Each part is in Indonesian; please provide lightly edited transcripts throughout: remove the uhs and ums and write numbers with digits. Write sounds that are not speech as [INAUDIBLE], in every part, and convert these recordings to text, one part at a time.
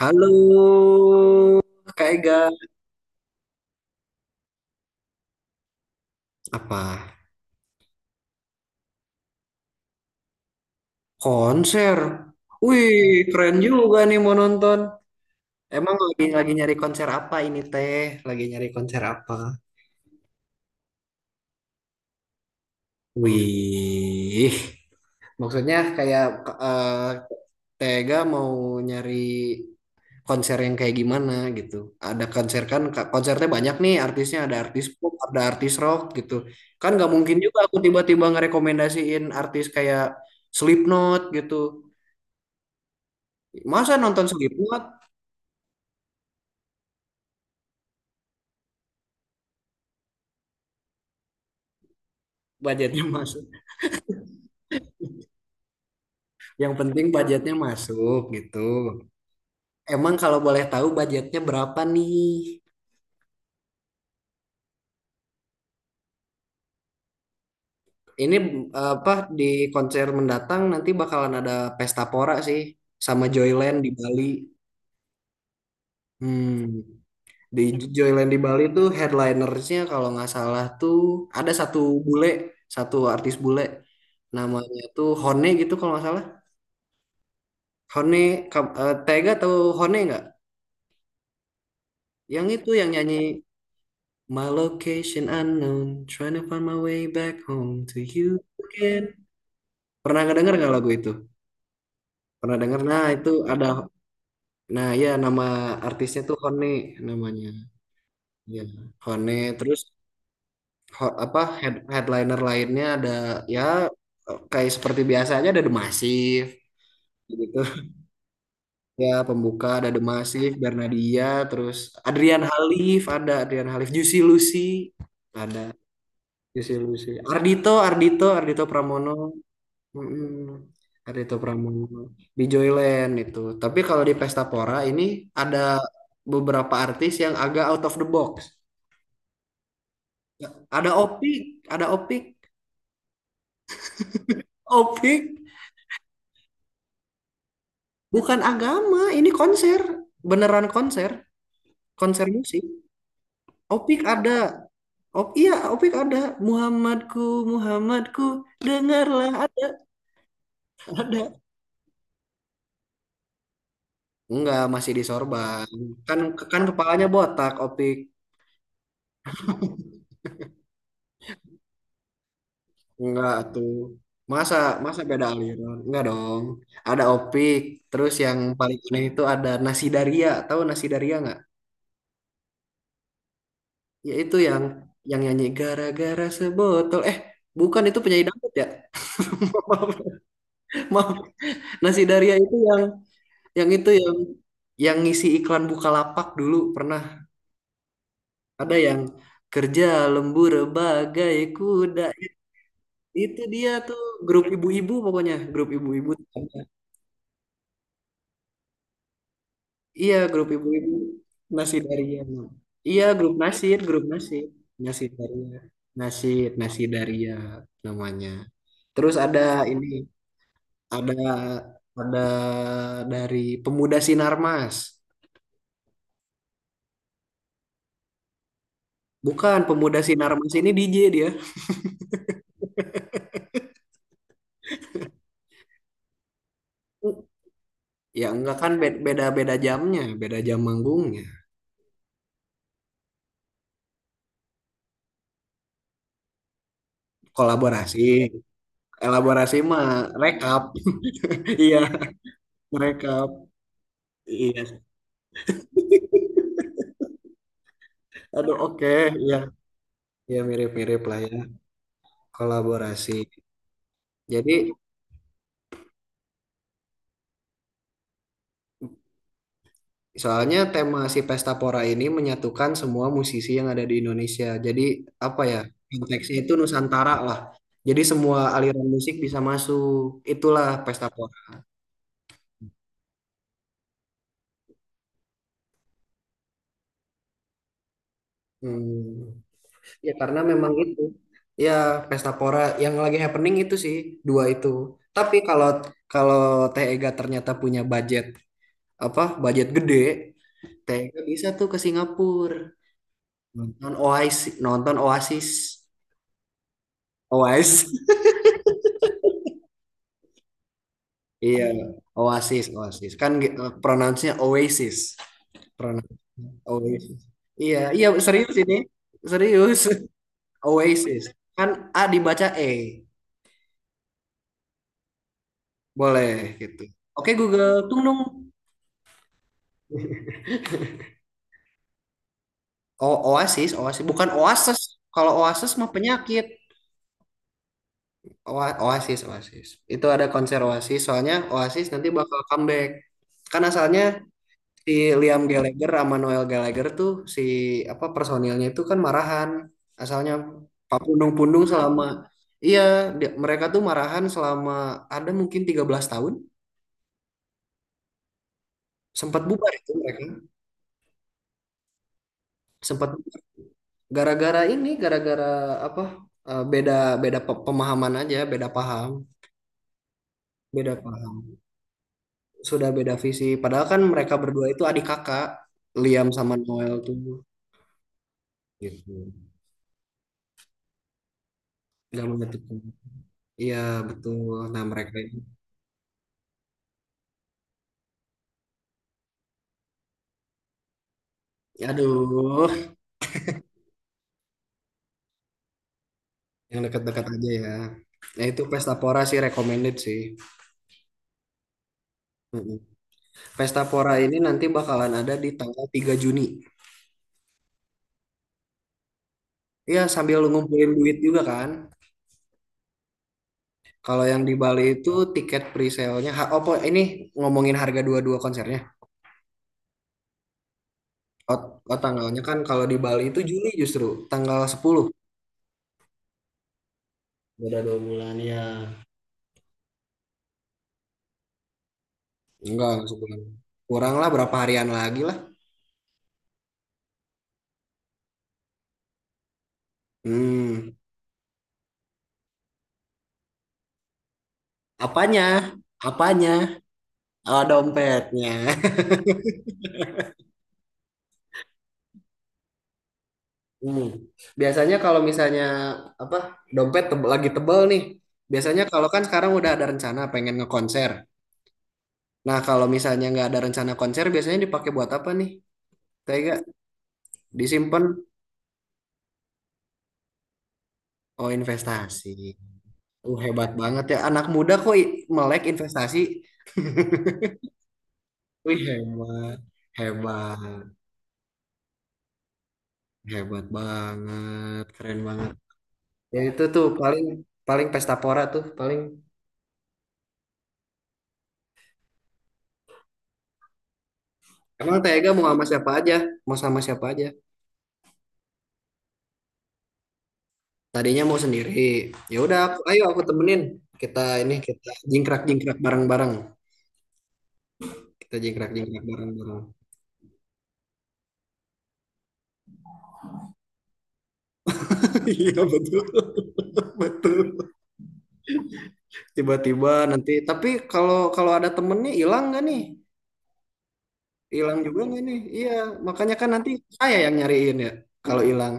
Halo, Kak Ega. Apa? Konser. Wih, keren juga nih mau nonton. Emang lagi nyari konser apa ini teh? Lagi nyari konser apa? Wih, maksudnya kayak eh, Tega mau nyari konser yang kayak gimana gitu. Ada konser kan, konsernya banyak nih artisnya. Ada artis pop, ada artis rock gitu. Kan nggak mungkin juga aku tiba-tiba ngerekomendasiin artis kayak Slipknot gitu. Masa nonton Slipknot budgetnya masuk. Yang penting budgetnya masuk gitu. Emang kalau boleh tahu budgetnya berapa nih? Ini eh, apa di konser mendatang nanti bakalan ada pesta pora sih sama Joyland di Bali. Hmm, di Joyland di Bali tuh headlinersnya kalau nggak salah tuh ada satu bule, satu artis bule. Namanya tuh Hone gitu kalau nggak salah. Hone, Tega tahu Hone nggak? Yang itu yang nyanyi My location unknown, trying to find my way back home to you again. Pernah ngedenger nggak lagu itu? Pernah denger? Nah, itu ada. Nah, ya nama artisnya tuh Hone namanya. Ya, Hone terus ho- apa head, headliner lainnya ada ya kayak seperti biasanya ada The Massive gitu. Ya, pembuka ada The Massive, Bernadia, terus Adrian Halif, Juicy Lucy, ada Juicy Lucy. Ardito Pramono. Mm-mm. Ada itu Pramono di Joyland itu. Tapi kalau di Pesta Pora ini ada beberapa artis yang agak out of the box. Ada Opik, ada Opik, Opik bukan agama, ini konser, beneran konser, konser musik. Opik ada, Op, iya Opik ada. Muhammadku, Muhammadku, dengarlah ada, ada. Enggak, masih di sorban. Kan kan kepalanya botak Opik. Enggak tuh. Masa masa beda aliran? Enggak dong. Ada Opik, terus yang paling aneh itu ada Nasi Daria. Tahu Nasi Daria enggak? Ya itu yang nyanyi gara-gara sebotol. Eh, bukan itu penyanyi dangdut ya. [LAUGHS] Maaf, maaf. Nasi Daria itu yang itu yang yang ngisi iklan Bukalapak dulu pernah ada yang kerja lembur bagai kuda. Itu dia tuh grup ibu-ibu pokoknya, grup ibu-ibu. Iya, grup ibu-ibu nasi Daria. Iya, grup Nasir. Nasi Daria. Nasir, Nasi Daria namanya. Terus ada ini, ada ada dari Pemuda Sinarmas. Bukan, Pemuda Sinarmas ini DJ dia. Ya enggak kan beda-beda jamnya, beda jam manggungnya. Kolaborasi, elaborasi mah rekap. [LAUGHS] Iya, rekap. Iya. Aduh, oke, iya, ya mirip-mirip lah ya. Kolaborasi. Jadi soalnya tema si Pesta Pora ini menyatukan semua musisi yang ada di Indonesia. Jadi apa ya, konteksnya itu Nusantara lah. Jadi semua aliran musik bisa masuk. Itulah Pesta Pora. Hmm. Ya karena memang itu. Ya Pesta Pora yang lagi happening itu sih dua itu. Tapi kalau kalau TEGA ternyata punya budget gede, TEGA bisa tuh ke Singapura nonton Oasis, Oasis. Iya, Oasis. Kan pronounce-nya Oasis. Pronoun Oasis. Iya serius ini. Serius. [LAUGHS] Oasis. Kan A dibaca E. Boleh gitu. Oke Google, tung dong. O Oasis, Oasis bukan Oasis. Kalau Oasis mah penyakit. Oasis, Oasis. Itu ada konser Oasis, soalnya Oasis nanti bakal comeback. Kan asalnya si Liam Gallagher sama Noel Gallagher tuh si apa personilnya itu kan marahan asalnya Pak Pundung-Pundung selama iya mereka tuh marahan selama ada mungkin 13 tahun sempat bubar itu mereka sempat gara-gara ini apa beda beda pe- pemahaman aja beda paham, beda paham, sudah beda visi padahal kan mereka berdua itu adik kakak. Liam sama Noel tuh gitu nggak menyatukan, iya betul. Nah mereka ini aduh. Yang dekat-dekat aja ya. Ya itu Pesta Pora sih recommended sih. Mm-mm. Pesta Pora ini nanti bakalan ada di tanggal 3 Juni. Iya sambil ngumpulin duit juga kan. Kalau yang di Bali itu tiket pre-sale-nya, ha- oh po- ini ngomongin harga dua-dua konsernya. Oh, oh, tanggalnya kan kalau di Bali itu Juli justru, tanggal 10. Udah dua bulan ya. Enggak sebulan. Kurang lah berapa harian lagi lah. Hmm, apanya? Apanya? Oh, dompetnya. Hmm. Biasanya kalau misalnya apa dompet tebel, biasanya kalau kan sekarang udah ada rencana pengen ngekonser. Nah kalau misalnya nggak ada rencana konser, biasanya dipakai buat apa nih? Tega disimpan? Oh investasi. Hebat banget ya anak muda melek investasi. Wih hebat, hebat banget, keren banget. Ya itu tuh paling paling pestapora tuh paling. Emang Tega mau sama siapa aja? Mau sama siapa aja? Tadinya mau sendiri. Ya udah, ayo aku temenin. Kita jingkrak-jingkrak bareng-bareng. Kita jingkrak-jingkrak bareng-bareng. [LAUGHS] Iya betul. Tiba-tiba nanti tapi kalau kalau ada temennya hilang nggak nih? Hilang juga nggak nih? Iya, makanya kan nanti saya yang nyariin ya. Kalau hilang,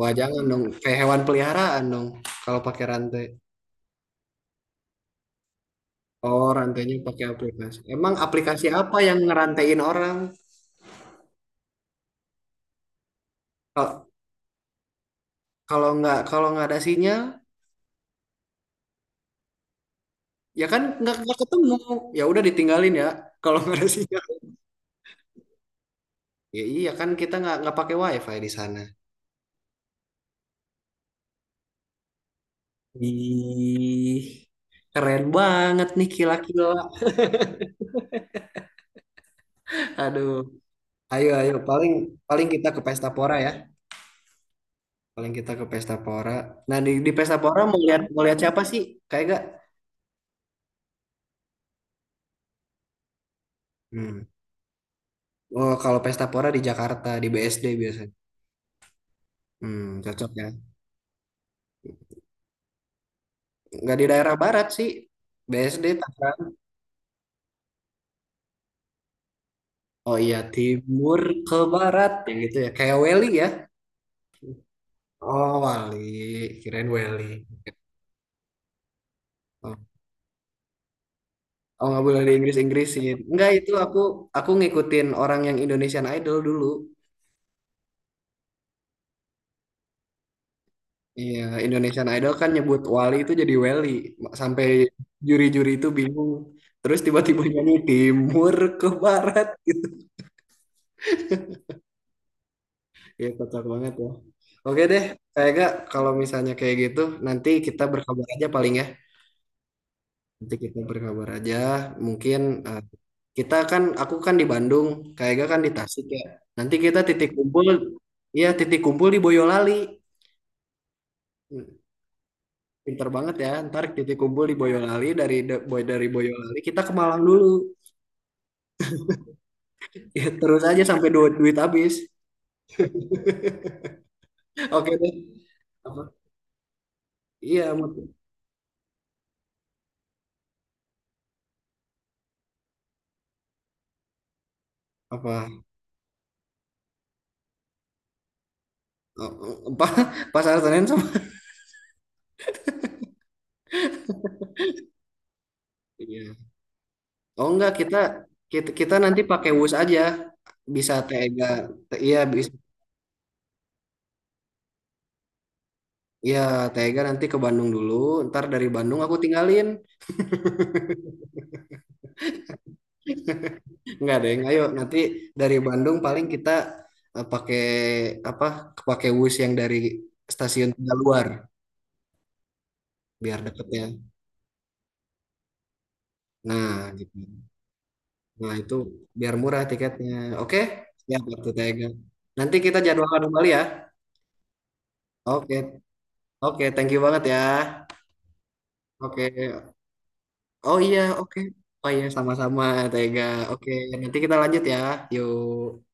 wah jangan dong. Kayak hewan peliharaan dong. Kalau pakai rantai. Oh, rantainya pakai aplikasi. Emang aplikasi apa yang ngerantain orang? Kalau kalau nggak ada sinyal, ya kan nggak ketemu, ya udah ditinggalin ya kalau nggak ada sinyal, ya iya kan kita nggak pakai wifi di sana. Ih keren banget nih kila-kila, aduh. Ayo ayo paling paling kita ke pesta pora ya, paling kita ke pesta pora. Nah di pesta pora mau mau lihat siapa sih kayak gak, hmm. Oh kalau pesta pora di Jakarta di BSD biasanya, hmm, cocok ya. Nggak di daerah barat sih, BSD Tangerang. Oh iya, timur ke barat yang gitu ya. Kayak Welly ya. Oh, Wali, kirain Welly. Oh, oh nggak boleh di Inggris-Inggrisin. Enggak itu aku ngikutin orang yang Indonesian Idol dulu. Iya, Indonesian Idol kan nyebut Wali itu jadi Welly. Sampai juri-juri itu bingung. Terus tiba-tiba nyanyi timur ke barat [LAUGHS] gitu. Ya kocak banget ya. Oke deh, kayak gak kalau misalnya kayak gitu nanti kita berkabar aja paling ya. Nanti kita berkabar aja. Mungkin eh, kita kan, aku kan di Bandung, Kak Ega kan di Tasik ya. Nanti kita ya titik kumpul di Boyolali. Hmm, pinter banget ya, ntar titik kumpul di Boyolali dari da- boy dari Boyolali kita ke Malang dulu. [LAUGHS] Ya, terus aja sampai duit duit habis. [LAUGHS] Oke deh. Apa? Iya, Mut. Apa? Oh, Apa? [LAUGHS] Pasar Senen sama? Iya. Oh enggak, kita kita kita nanti pakai WUS aja. Bisa Tega, iya bisa. Iya, Tega nanti ke Bandung dulu. Ntar dari Bandung aku tinggalin. Enggak deng, ayo nanti dari Bandung paling kita eh, pakai apa? Pakai bus yang dari stasiun Tegal luar biar deketnya. Nah, gitu. Nah, itu biar murah tiketnya. Oke? Ya, betul Tega. Nanti kita jadwalkan kembali ya. Oke. Oke, thank you banget ya. Oke. Oh iya, oke. Oh iya, sama-sama Tega. Oke, nanti kita lanjut ya. Yuk.